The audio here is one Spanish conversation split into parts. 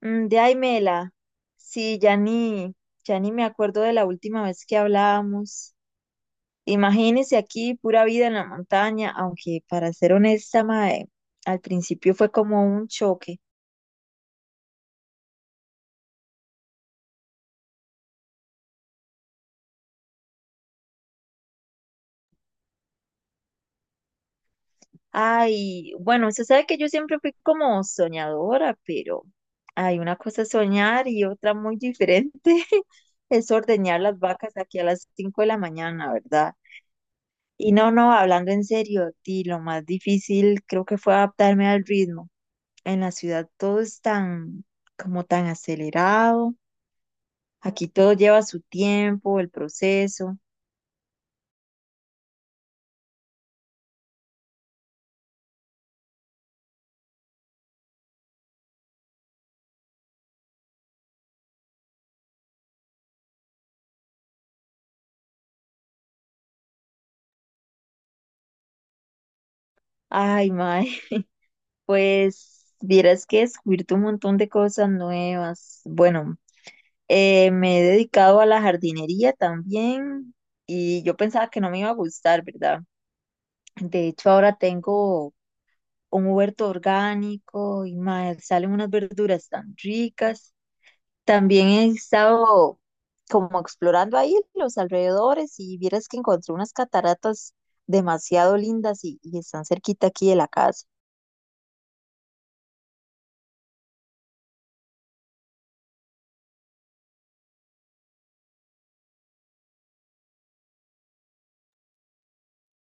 De ahí, Mela. Sí, ya ni me acuerdo de la última vez que hablábamos. Imagínese aquí, pura vida en la montaña, aunque para ser honesta, mae, al principio fue como un choque. Ay, bueno, usted sabe que yo siempre fui como soñadora, pero hay una cosa es soñar y otra muy diferente es ordeñar las vacas aquí a las 5 de la mañana, ¿verdad? Y no, no, hablando en serio, di, lo más difícil creo que fue adaptarme al ritmo. En la ciudad todo es como tan acelerado. Aquí todo lleva su tiempo, el proceso. Ay, mae, pues vieras que descubierto un montón de cosas nuevas. Bueno, me he dedicado a la jardinería también y yo pensaba que no me iba a gustar, ¿verdad? De hecho, ahora tengo un huerto orgánico y mae, salen unas verduras tan ricas. También he estado como explorando ahí los alrededores y vieras que encontré unas cataratas demasiado lindas y están cerquita aquí de la casa.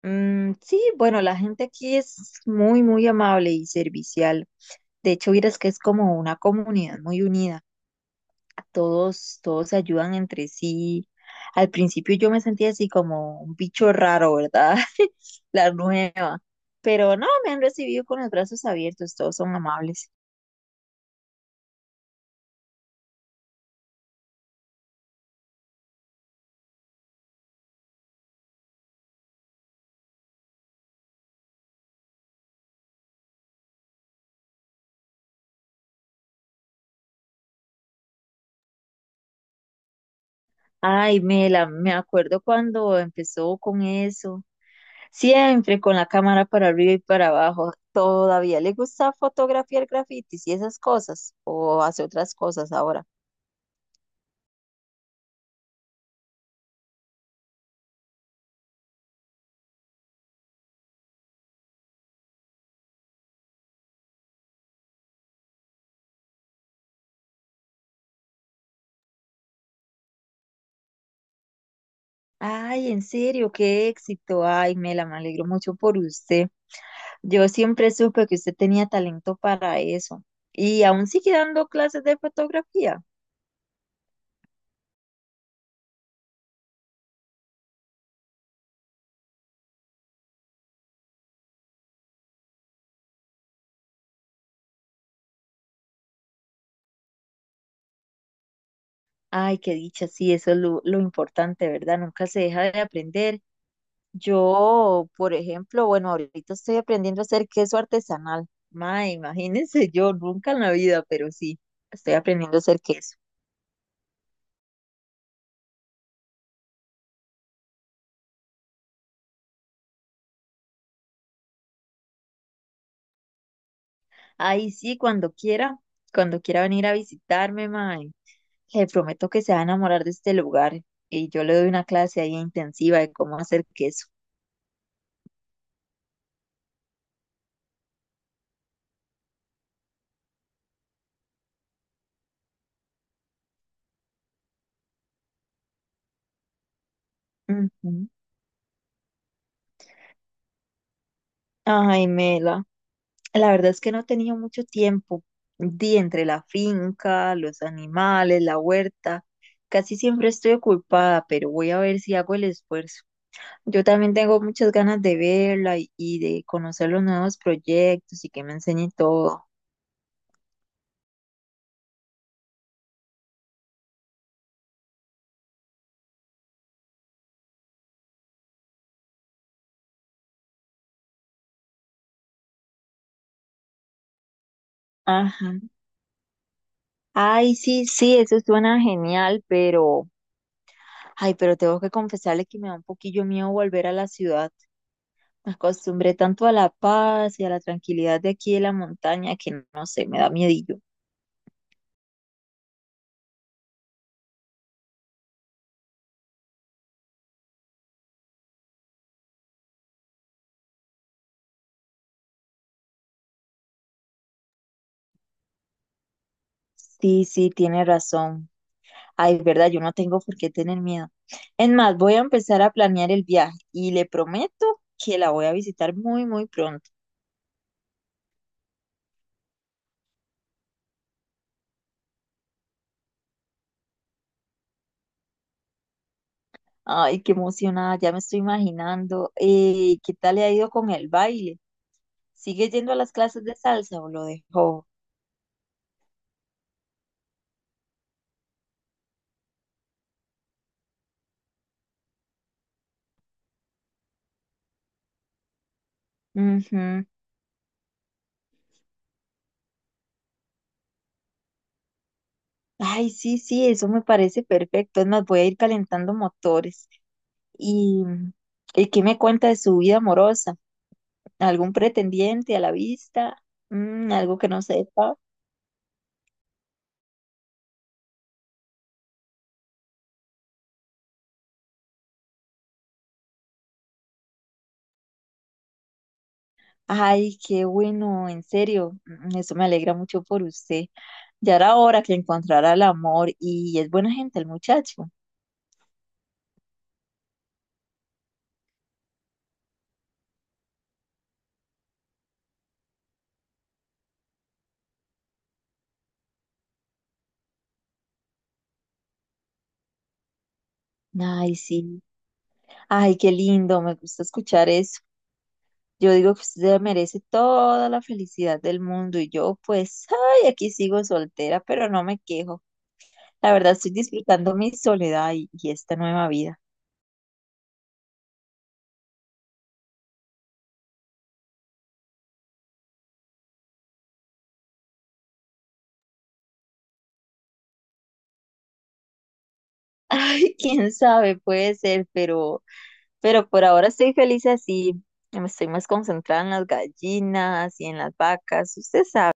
Mm, sí, bueno, la gente aquí es muy, muy amable y servicial. De hecho, vieras que es como una comunidad muy unida. Todos se ayudan entre sí. Al principio yo me sentía así como un bicho raro, ¿verdad? La nueva. Pero no, me han recibido con los brazos abiertos, todos son amables. Me acuerdo cuando empezó con eso. Siempre con la cámara para arriba y para abajo. ¿Todavía le gusta fotografiar grafitis y esas cosas? ¿O hace otras cosas ahora? Ay, en serio, qué éxito. Ay, Mela, me alegro mucho por usted. Yo siempre supe que usted tenía talento para eso. Y aún sigue dando clases de fotografía. Ay, qué dicha, sí, eso es lo importante, ¿verdad? Nunca se deja de aprender. Yo, por ejemplo, bueno, ahorita estoy aprendiendo a hacer queso artesanal. Ma, imagínense yo, nunca en la vida, pero sí, estoy aprendiendo a hacer queso. Ay, sí, cuando quiera venir a visitarme, ma, le prometo que se va a enamorar de este lugar. Y yo le doy una clase ahí intensiva de cómo hacer queso. Ujú. Ay, Mela, la verdad es que no tenía mucho tiempo. Di entre la finca, los animales, la huerta. Casi siempre estoy ocupada, pero voy a ver si hago el esfuerzo. Yo también tengo muchas ganas de verla y de conocer los nuevos proyectos y que me enseñe todo. Ajá. Ay, sí, eso suena genial, pero, ay, pero tengo que confesarle que me da un poquillo miedo volver a la ciudad. Me acostumbré tanto a la paz y a la tranquilidad de aquí de la montaña que no sé, me da miedillo. Sí, tiene razón. Ay, verdad, yo no tengo por qué tener miedo. Es más, voy a empezar a planear el viaje y le prometo que la voy a visitar muy, muy pronto. Ay, qué emocionada, ya me estoy imaginando. ¿Qué tal le ha ido con el baile? ¿Sigue yendo a las clases de salsa o lo dejó? Ujú. Ay, sí, eso me parece perfecto. Es más, voy a ir calentando motores. ¿Y, ¿Y qué me cuenta de su vida amorosa? ¿Algún pretendiente a la vista? Mm, algo que no sepa. Ay, qué bueno, en serio, eso me alegra mucho por usted. Ya era hora que encontrara el amor y es buena gente el muchacho. Ay, sí, ay, qué lindo, me gusta escuchar eso. Yo digo que usted merece toda la felicidad del mundo y yo pues, ay, aquí sigo soltera, pero no me quejo. La verdad estoy disfrutando mi soledad y esta nueva vida. Ay, quién sabe, puede ser, pero por ahora estoy feliz así. Me estoy más concentrada en las gallinas y en las vacas, usted sabe.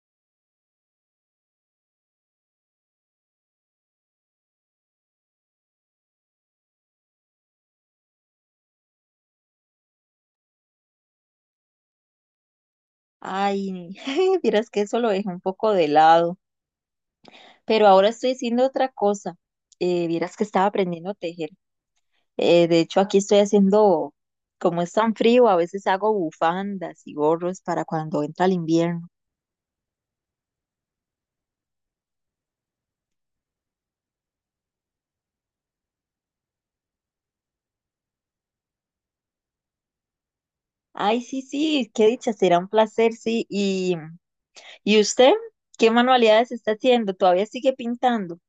Ay, vieras que eso lo dejé un poco de lado. Pero ahora estoy haciendo otra cosa. Vieras que estaba aprendiendo a tejer. De hecho, aquí estoy haciendo, como es tan frío, a veces hago bufandas y gorros para cuando entra el invierno. Ay, sí, qué dicha, será un placer, sí. ¿Y usted qué manualidades está haciendo? ¿Todavía sigue pintando?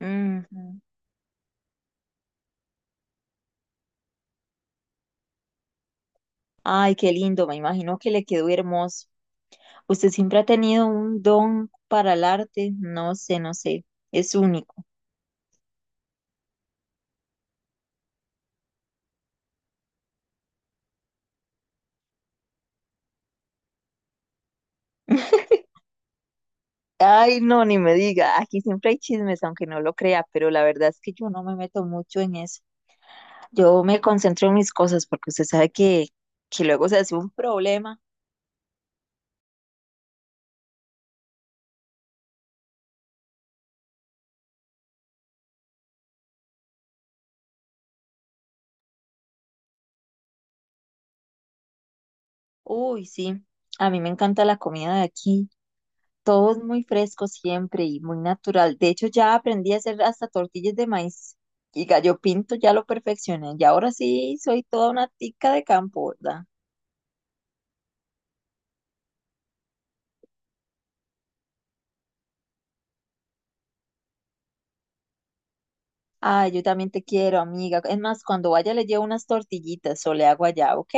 Ujú. Ay, qué lindo, me imagino que le quedó hermoso. Usted siempre ha tenido un don para el arte, no sé, es único. Ay, no, ni me diga, aquí siempre hay chismes, aunque no lo crea, pero la verdad es que yo no me meto mucho en eso. Yo me concentro en mis cosas porque usted sabe que luego se hace un problema. Uy, sí, a mí me encanta la comida de aquí. Todo es muy fresco siempre y muy natural. De hecho, ya aprendí a hacer hasta tortillas de maíz y gallo pinto, ya lo perfeccioné. Y ahora sí soy toda una tica de campo, ¿verdad? Ay, yo también te quiero, amiga. Es más, cuando vaya le llevo unas tortillitas o le hago allá, ¿ok?